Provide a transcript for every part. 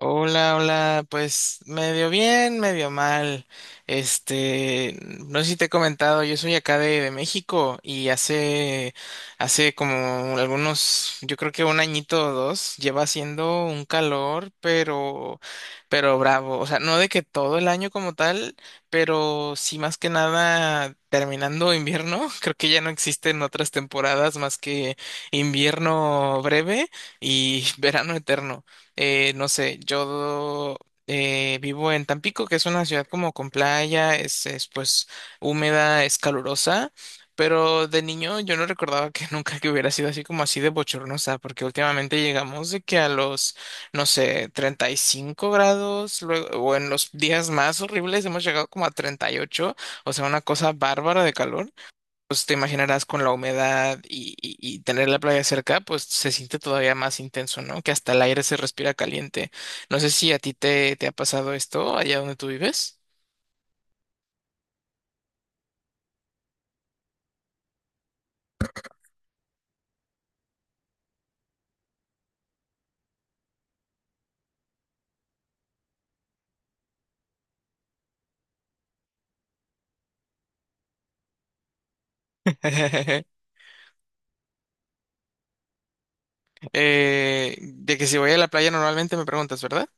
Hola, hola, pues medio bien, medio mal. Este, no sé si te he comentado, yo soy acá de México y hace como algunos, yo creo que un añito o dos, lleva haciendo un calor, pero bravo. O sea, no de que todo el año como tal, pero sí más que nada terminando invierno. Creo que ya no existen otras temporadas más que invierno breve y verano eterno. No sé, yo vivo en Tampico, que es una ciudad como con playa, pues húmeda, es calurosa, pero de niño yo no recordaba que nunca que hubiera sido así como así de bochornosa, porque últimamente llegamos de que a los, no sé, 35 grados, luego, o en los días más horribles hemos llegado como a 38, o sea, una cosa bárbara de calor. Pues te imaginarás con la humedad y tener la playa cerca, pues se siente todavía más intenso, ¿no? Que hasta el aire se respira caliente. No sé si a ti te ha pasado esto allá donde tú vives. De que si voy a la playa normalmente me preguntas, ¿verdad?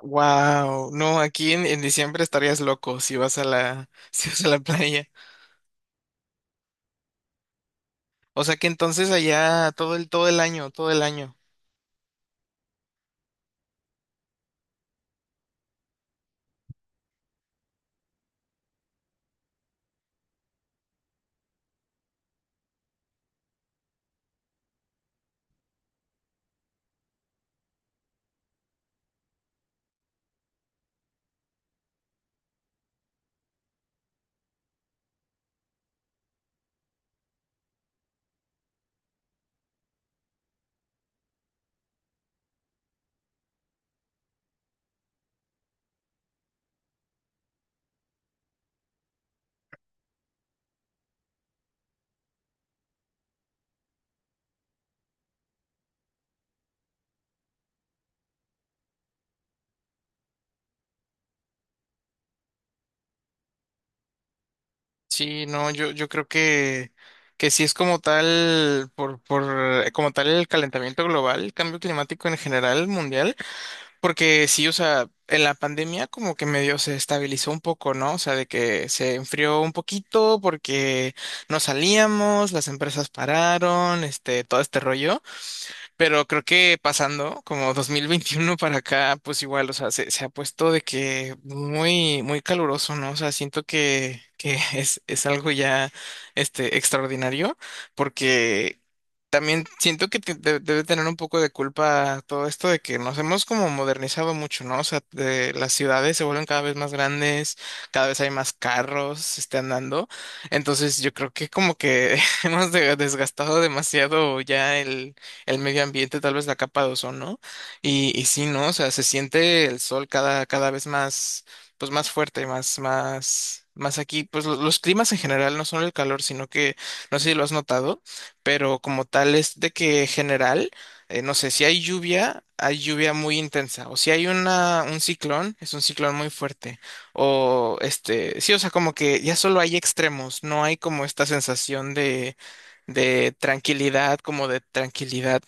Wow, no, aquí en diciembre estarías loco si vas a la, si vas a la playa. O sea que entonces allá todo el año, todo el año. Sí, no, yo creo que sí es como tal, como tal el calentamiento global, el cambio climático en general mundial, porque sí, o sea, en la pandemia como que medio se estabilizó un poco, ¿no? O sea, de que se enfrió un poquito porque no salíamos, las empresas pararon, todo este rollo. Pero creo que pasando como 2021 para acá, pues igual, o sea, se ha puesto de que muy, muy caluroso, ¿no? O sea, siento que es algo ya, extraordinario, porque también siento que debe tener un poco de culpa todo esto de que nos hemos como modernizado mucho, ¿no? O sea, las ciudades se vuelven cada vez más grandes, cada vez hay más carros, se están dando. Entonces yo creo que como que hemos desgastado demasiado ya el medio ambiente, tal vez la capa de ozono, ¿no? Y y sí, ¿no? O sea, se siente el sol cada vez más, pues más fuerte, más aquí. Pues los climas en general, no solo el calor, sino que, no sé si lo has notado, pero como tal es de que general, no sé, si hay lluvia, hay lluvia muy intensa, o si hay un ciclón, es un ciclón muy fuerte, o este, sí, o sea, como que ya solo hay extremos, no hay como esta sensación de tranquilidad, como de tranquilidad,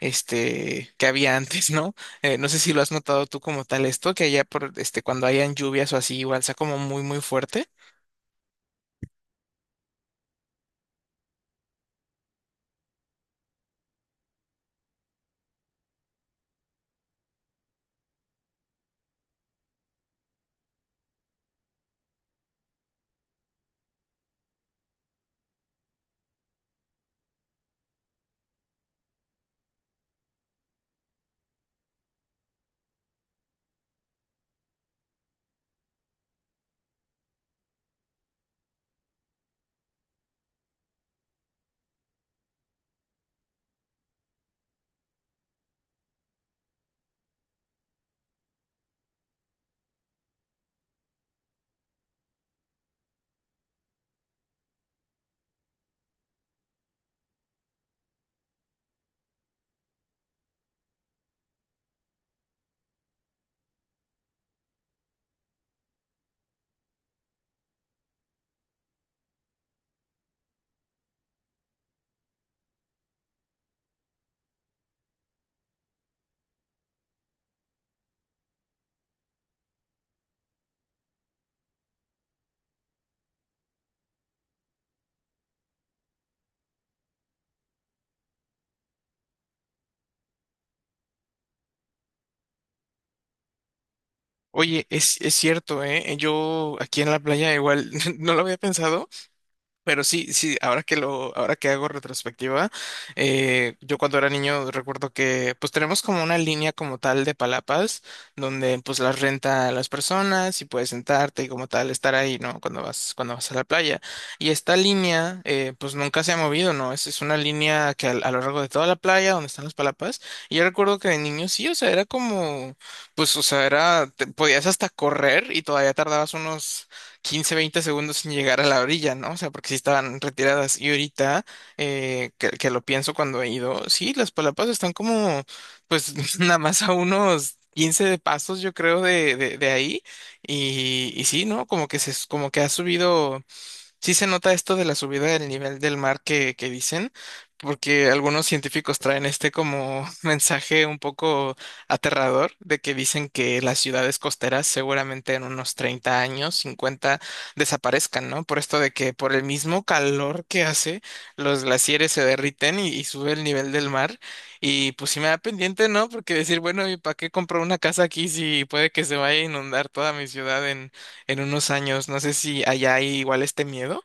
este, que había antes, ¿no? No sé si lo has notado tú como tal esto, que allá por, este, cuando hayan lluvias o así, igual sea como muy, muy fuerte. Oye, es cierto, ¿eh? Yo aquí en la playa igual no lo había pensado, pero sí, sí, ahora que hago retrospectiva, yo cuando era niño recuerdo que pues tenemos como una línea como tal de palapas donde pues las renta las personas y puedes sentarte y como tal estar ahí, ¿no? Cuando vas a la playa. Y esta línea, pues nunca se ha movido, ¿no? Es una línea que lo largo de toda la playa donde están las palapas. Y yo recuerdo que de niño sí, o sea, era como, pues, o sea, era, podías hasta correr y todavía tardabas unos 15-20 segundos sin llegar a la orilla, ¿no? O sea, porque sí estaban retiradas. Y ahorita, que lo pienso cuando he ido, sí, las palapas están como, pues, nada más a unos 15 de pasos, yo creo, de ahí. Y y sí, ¿no? Como que como que ha subido, sí se nota esto de la subida del nivel del mar que dicen, porque algunos científicos traen este como mensaje un poco aterrador de que dicen que las ciudades costeras seguramente en unos 30 años, 50, desaparezcan, ¿no? Por esto de que por el mismo calor que hace, los glaciares se derriten y sube el nivel del mar. Y pues sí me da pendiente, ¿no? Porque decir, bueno, ¿y para qué compro una casa aquí si puede que se vaya a inundar toda mi ciudad en unos años? No sé si allá hay igual este miedo.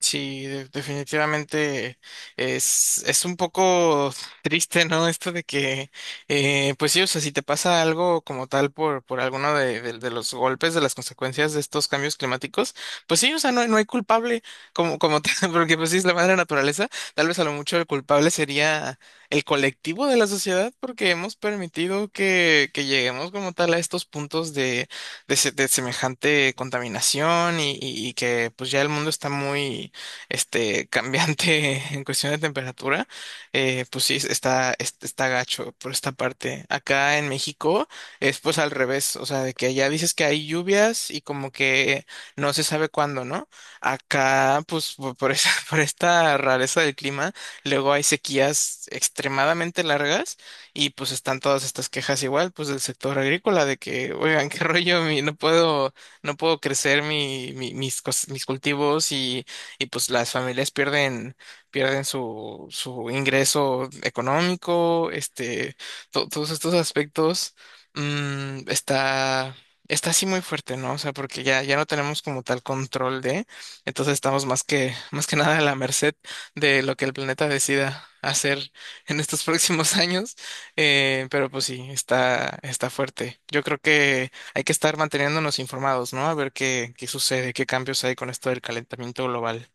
Sí, definitivamente es un poco triste, ¿no? Esto de que, pues sí, o sea, si te pasa algo como tal por alguno de los golpes, de las consecuencias de estos cambios climáticos, pues sí, o sea, no, no hay culpable como, como tal, porque pues sí es la madre naturaleza, tal vez a lo mucho el culpable sería el colectivo de la sociedad, porque hemos permitido que lleguemos como tal a estos puntos de semejante contaminación y que pues ya el mundo está muy este, cambiante en cuestión de temperatura, pues sí, está gacho por esta parte. Acá en México es pues al revés, o sea, de que allá dices que hay lluvias y como que no se sabe cuándo, ¿no? Acá, pues por esa, por esta rareza del clima, luego hay sequías extremadamente largas y pues están todas estas quejas igual, pues del sector agrícola, de que, oigan, qué rollo, no puedo, no puedo crecer mis, mis cultivos y pues las familias pierden, pierden su ingreso económico, todos estos aspectos, está, está así muy fuerte, ¿no? O sea, porque ya no tenemos como tal control de, entonces estamos más que nada a la merced de lo que el planeta decida hacer en estos próximos años. Pero pues sí, está fuerte. Yo creo que hay que estar manteniéndonos informados, ¿no? A ver qué sucede, qué cambios hay con esto del calentamiento global.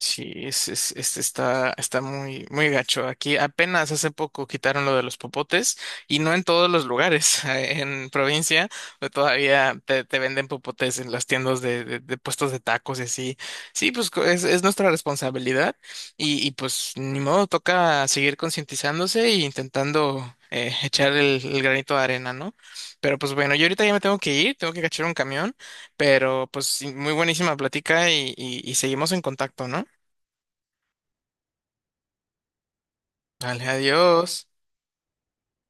Sí, está, está muy, muy gacho. Aquí apenas hace poco quitaron lo de los popotes y no en todos los lugares. En provincia pues, todavía te venden popotes en las tiendas de, de puestos de tacos y así. Sí, pues es nuestra responsabilidad y, pues ni modo, toca seguir concientizándose e intentando, echar el granito de arena, ¿no? Pero pues bueno, yo ahorita ya me tengo que ir, tengo que cachar un camión, pero pues sí, muy buenísima plática y seguimos en contacto, ¿no? Dale, adiós.